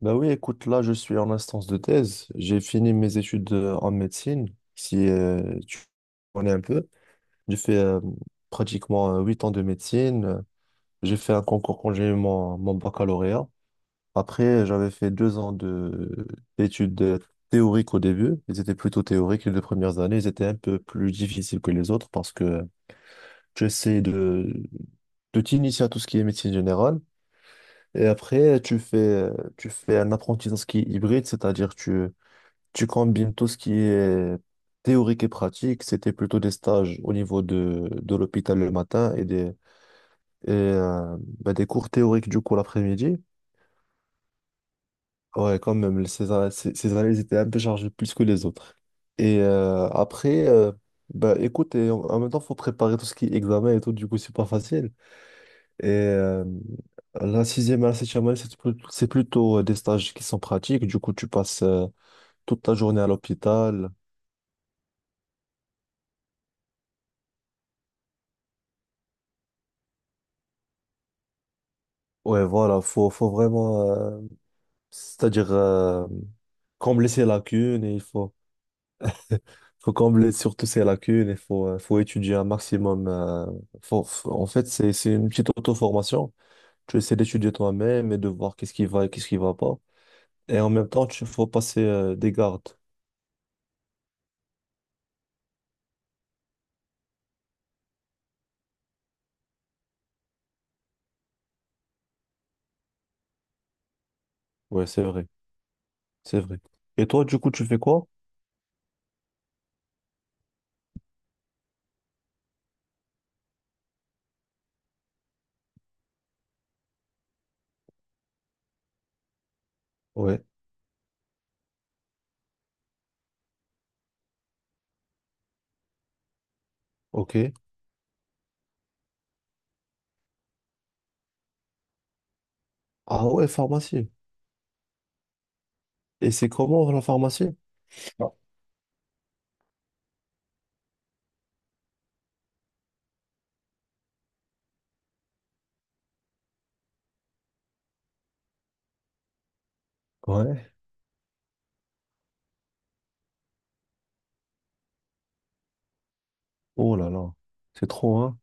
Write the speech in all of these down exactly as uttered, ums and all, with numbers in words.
Bah oui, écoute, là, je suis en instance de thèse. J'ai fini mes études euh, en médecine, si euh, tu connais un peu. J'ai fait euh, pratiquement euh, huit ans de médecine. Euh, J'ai fait un concours quand j'ai eu mon, mon baccalauréat. Après, j'avais fait deux ans de, d'études euh, théoriques au début. Ils étaient plutôt théoriques. Les deux premières années, ils étaient un peu plus difficiles que les autres parce que tu essaies de, de t'initier à tout ce qui est médecine générale. Et après, tu fais, euh, tu fais un apprentissage qui est hybride, c'est-à-dire tu Tu combines tout ce qui est théorique et pratique. C'était plutôt des stages au niveau de, de l'hôpital le matin et des, et, euh, bah, des cours théoriques du coup l'après-midi. Ouais, quand même, les- ces, a- ces, ces années, elles étaient un peu chargées plus que les autres. Et euh, après, euh, bah, écoute, et en, en même temps, il faut préparer tout ce qui est examen et tout, du coup, c'est pas facile. Et euh, la sixième et la septième année, c'est plus- c'est plutôt euh, des stages qui sont pratiques. Du coup, tu passes euh, toute ta journée à l'hôpital. Ouais, voilà, faut, faut vraiment, euh, c'est-à-dire euh, combler ses lacunes et il faut, faut combler surtout ses lacunes et faut, euh, faut étudier un maximum. Euh, faut- faut- en fait, c'est, c'est une petite auto-formation. Tu essaies d'étudier toi-même et de voir qu'est-ce qui va et qu'est-ce qui va pas. Et en même temps, tu faut passer euh, des gardes. Ouais, c'est vrai, c'est vrai. Et toi, du coup, tu fais quoi? Ouais, ok. Ah ouais, pharmacie. Et c'est comment la pharmacie? Ouais. Oh là là, c'est trop, hein?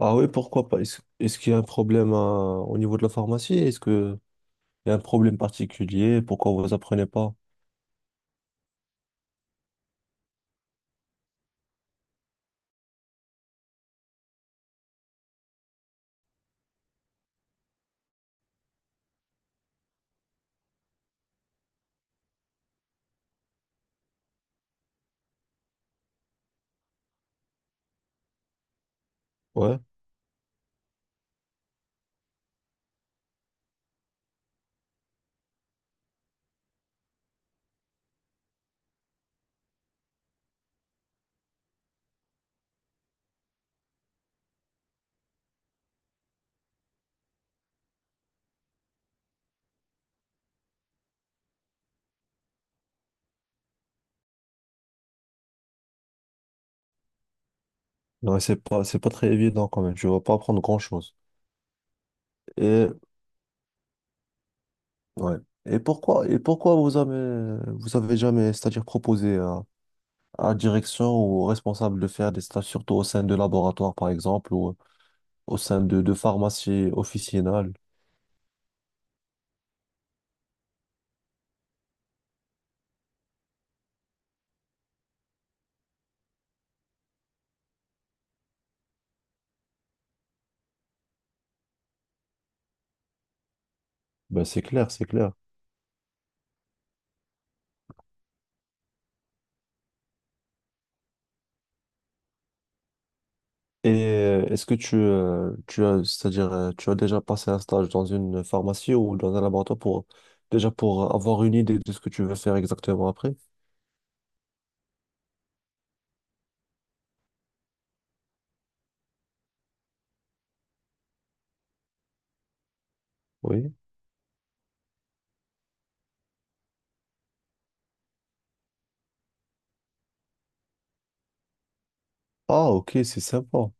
Ah oui, pourquoi pas? Est-ce, est-ce qu'il y a un problème à- au niveau de la pharmacie? Est-ce que il y a un problème particulier? Pourquoi vous apprenez pas? Ouais. Non, c'est pas, c'est pas très évident quand même. Je ne vais pas apprendre grand-chose. Et ouais. Et pourquoi, et pourquoi vous avez, vous avez jamais, c'est-à-dire proposé à, à la direction ou au responsable de faire des stages, surtout au sein de laboratoire, par exemple, ou au sein de, de pharmacies officinales. Ben, c'est clair, c'est clair. Et euh, est-ce que tu, euh, tu as, c'est-à-dire, euh, tu as déjà passé un stage dans une pharmacie ou dans un laboratoire pour, déjà pour avoir une idée de ce que tu veux faire exactement après? Oui. Ah, ok, c'est sympa.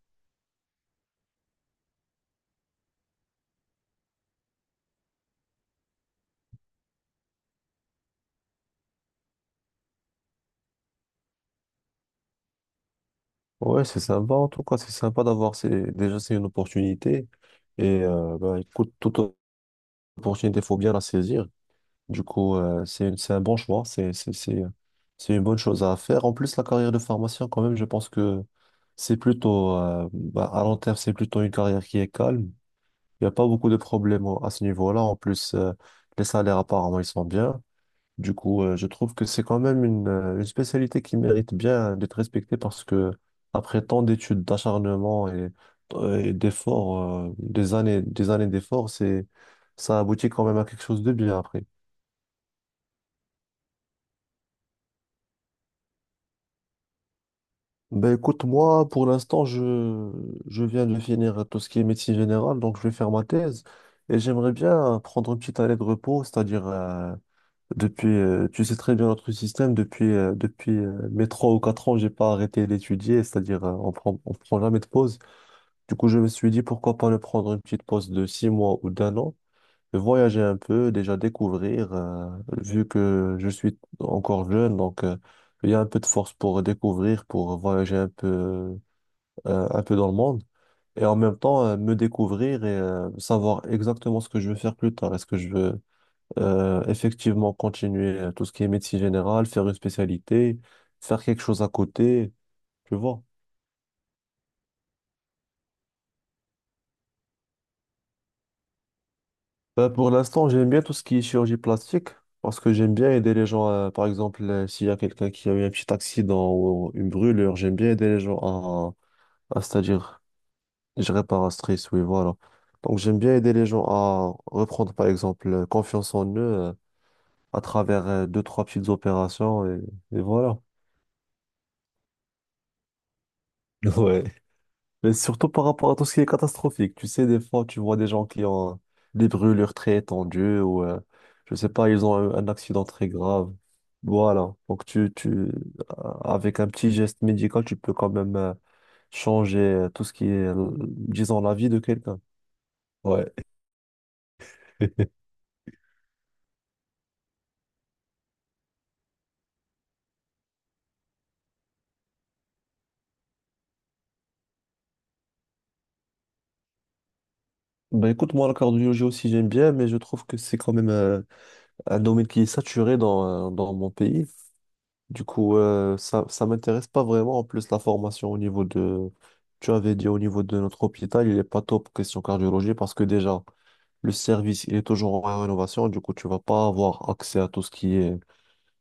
Ouais, c'est sympa en tout cas, c'est sympa d'avoir ces... déjà c'est une opportunité et euh, bah, écoute, toute opportunité, il faut bien la saisir. Du coup, euh, c'est une- c'est un bon choix, c'est c'est c'est euh, c'est une bonne chose à faire. En plus, la carrière de pharmacien, quand même, je pense que c'est plutôt euh, bah, à long terme, c'est plutôt une carrière qui est calme. Il n'y a pas beaucoup de problèmes au- à ce niveau-là. En plus, euh, les salaires apparemment ils sont bien. Du coup, euh, je trouve que c'est quand même une, euh, une spécialité qui mérite bien d'être respectée parce que après tant d'études, d'acharnement et, euh, et d'efforts, euh, des années, des années d'efforts, c'est, ça aboutit quand même à quelque chose de bien après. Ben écoute, moi, pour l'instant, je, je viens de finir tout ce qui est médecine générale, donc je vais faire ma thèse et j'aimerais bien prendre une petite année de repos, c'est-à-dire. euh, Depuis, euh, tu sais très bien notre système. Depuis, euh, depuis euh, mes trois ou quatre ans, j'ai pas arrêté d'étudier, c'est-à-dire euh, on prend, on prend jamais de pause. Du coup, je me suis dit pourquoi pas ne prendre une petite pause de six mois ou d'un an, voyager un peu, déjà découvrir. Euh, vu que je suis encore jeune, donc euh, il y a un peu de force pour découvrir, pour voyager un peu, euh, un peu dans le monde. Et en même temps, euh, me découvrir et euh, savoir exactement ce que je veux faire plus tard. Est-ce que je veux euh, effectivement, continuer euh, tout ce qui est médecine générale, faire une spécialité, faire quelque chose à côté, tu vois. Euh, pour l'instant, j'aime bien tout ce qui est chirurgie plastique parce que j'aime bien aider les gens. Euh, par exemple, euh, s'il y a quelqu'un qui a eu un petit accident ou une brûlure, j'aime bien aider les gens à, à- c'est-à-dire, je répare réparatrice, oui, voilà. Donc, j'aime bien aider les gens à reprendre, par exemple, euh, confiance en eux euh, à travers euh, deux, trois petites opérations et et voilà. Ouais. Mais surtout par rapport à tout ce qui est catastrophique. Tu sais, des fois, tu vois des gens qui ont des brûlures très étendues ou, euh, je sais pas, ils ont un, un accident très grave. Voilà. Donc, tu, tu, euh, avec un petit geste médical, tu peux quand même euh, changer euh, tout ce qui est, euh, disons, la vie de quelqu'un. Ouais. Ben écoute, moi, la cardiologie aussi, j'aime bien, mais je trouve que c'est quand même euh, un domaine qui est saturé dans, euh, dans mon pays. Du coup, euh, ça, ça m'intéresse pas vraiment. En plus, la formation au niveau de, tu avais dit au niveau de notre hôpital, il est pas top question cardiologie parce que déjà, le service, il est toujours en rénovation. Du coup, tu vas pas avoir accès à tout ce qui est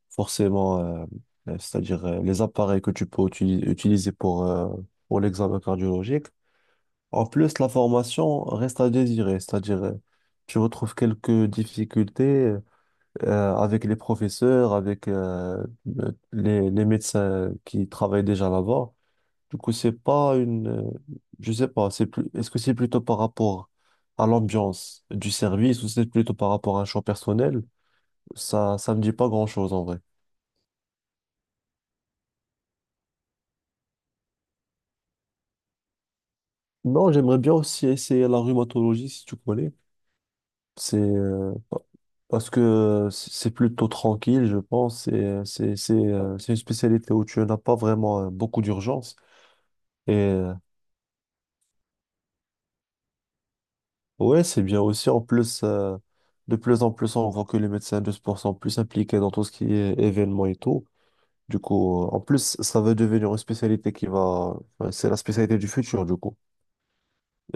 forcément, euh, euh, c'est-à-dire euh, les appareils que tu peux uti- utiliser pour, euh, pour l'examen cardiologique. En plus, la formation reste à désirer, c'est-à-dire, euh, tu retrouves quelques difficultés, euh, euh, avec les professeurs, avec euh, le- les, les médecins qui travaillent déjà là-bas. Du coup, c'est pas une, euh, je sais pas, c'est plus, est-ce que c'est plutôt par rapport à l'ambiance du service ou c'est plutôt par rapport à un choix personnel? Ça, ça me dit pas grand-chose en vrai. Non, j'aimerais bien aussi essayer la rhumatologie si tu connais. C'est euh, pa- Parce que c- c'est plutôt tranquille, je pense. C'est euh, c'est c'est euh, c'est une spécialité où tu n'as pas vraiment euh, beaucoup d'urgence. Et euh, Ouais, c'est bien aussi. En plus, euh, de plus en plus, on voit que les médecins de sport sont plus impliqués dans tout ce qui est événements et tout. Du coup, euh, en plus, ça va devenir une spécialité qui va, enfin, c'est la spécialité du futur, du coup.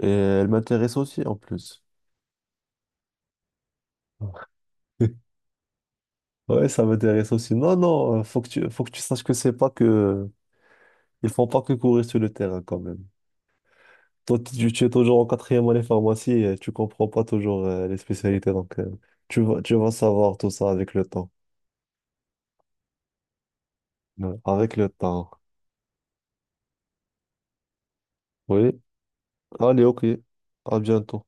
Et elle m'intéresse aussi, en plus. Ouais, ça m'intéresse aussi. Non, non, euh, faut que tu, faut que tu saches que c'est pas que. Ils font pas que courir sur le terrain, quand même. Toi, tu, tu es toujours en quatrième année pharmacie et tu comprends pas toujours euh, les spécialités. Donc, euh, tu vas, tu vas savoir tout ça avec le temps. Ouais. Avec le temps. Oui. Allez, ok. À bientôt.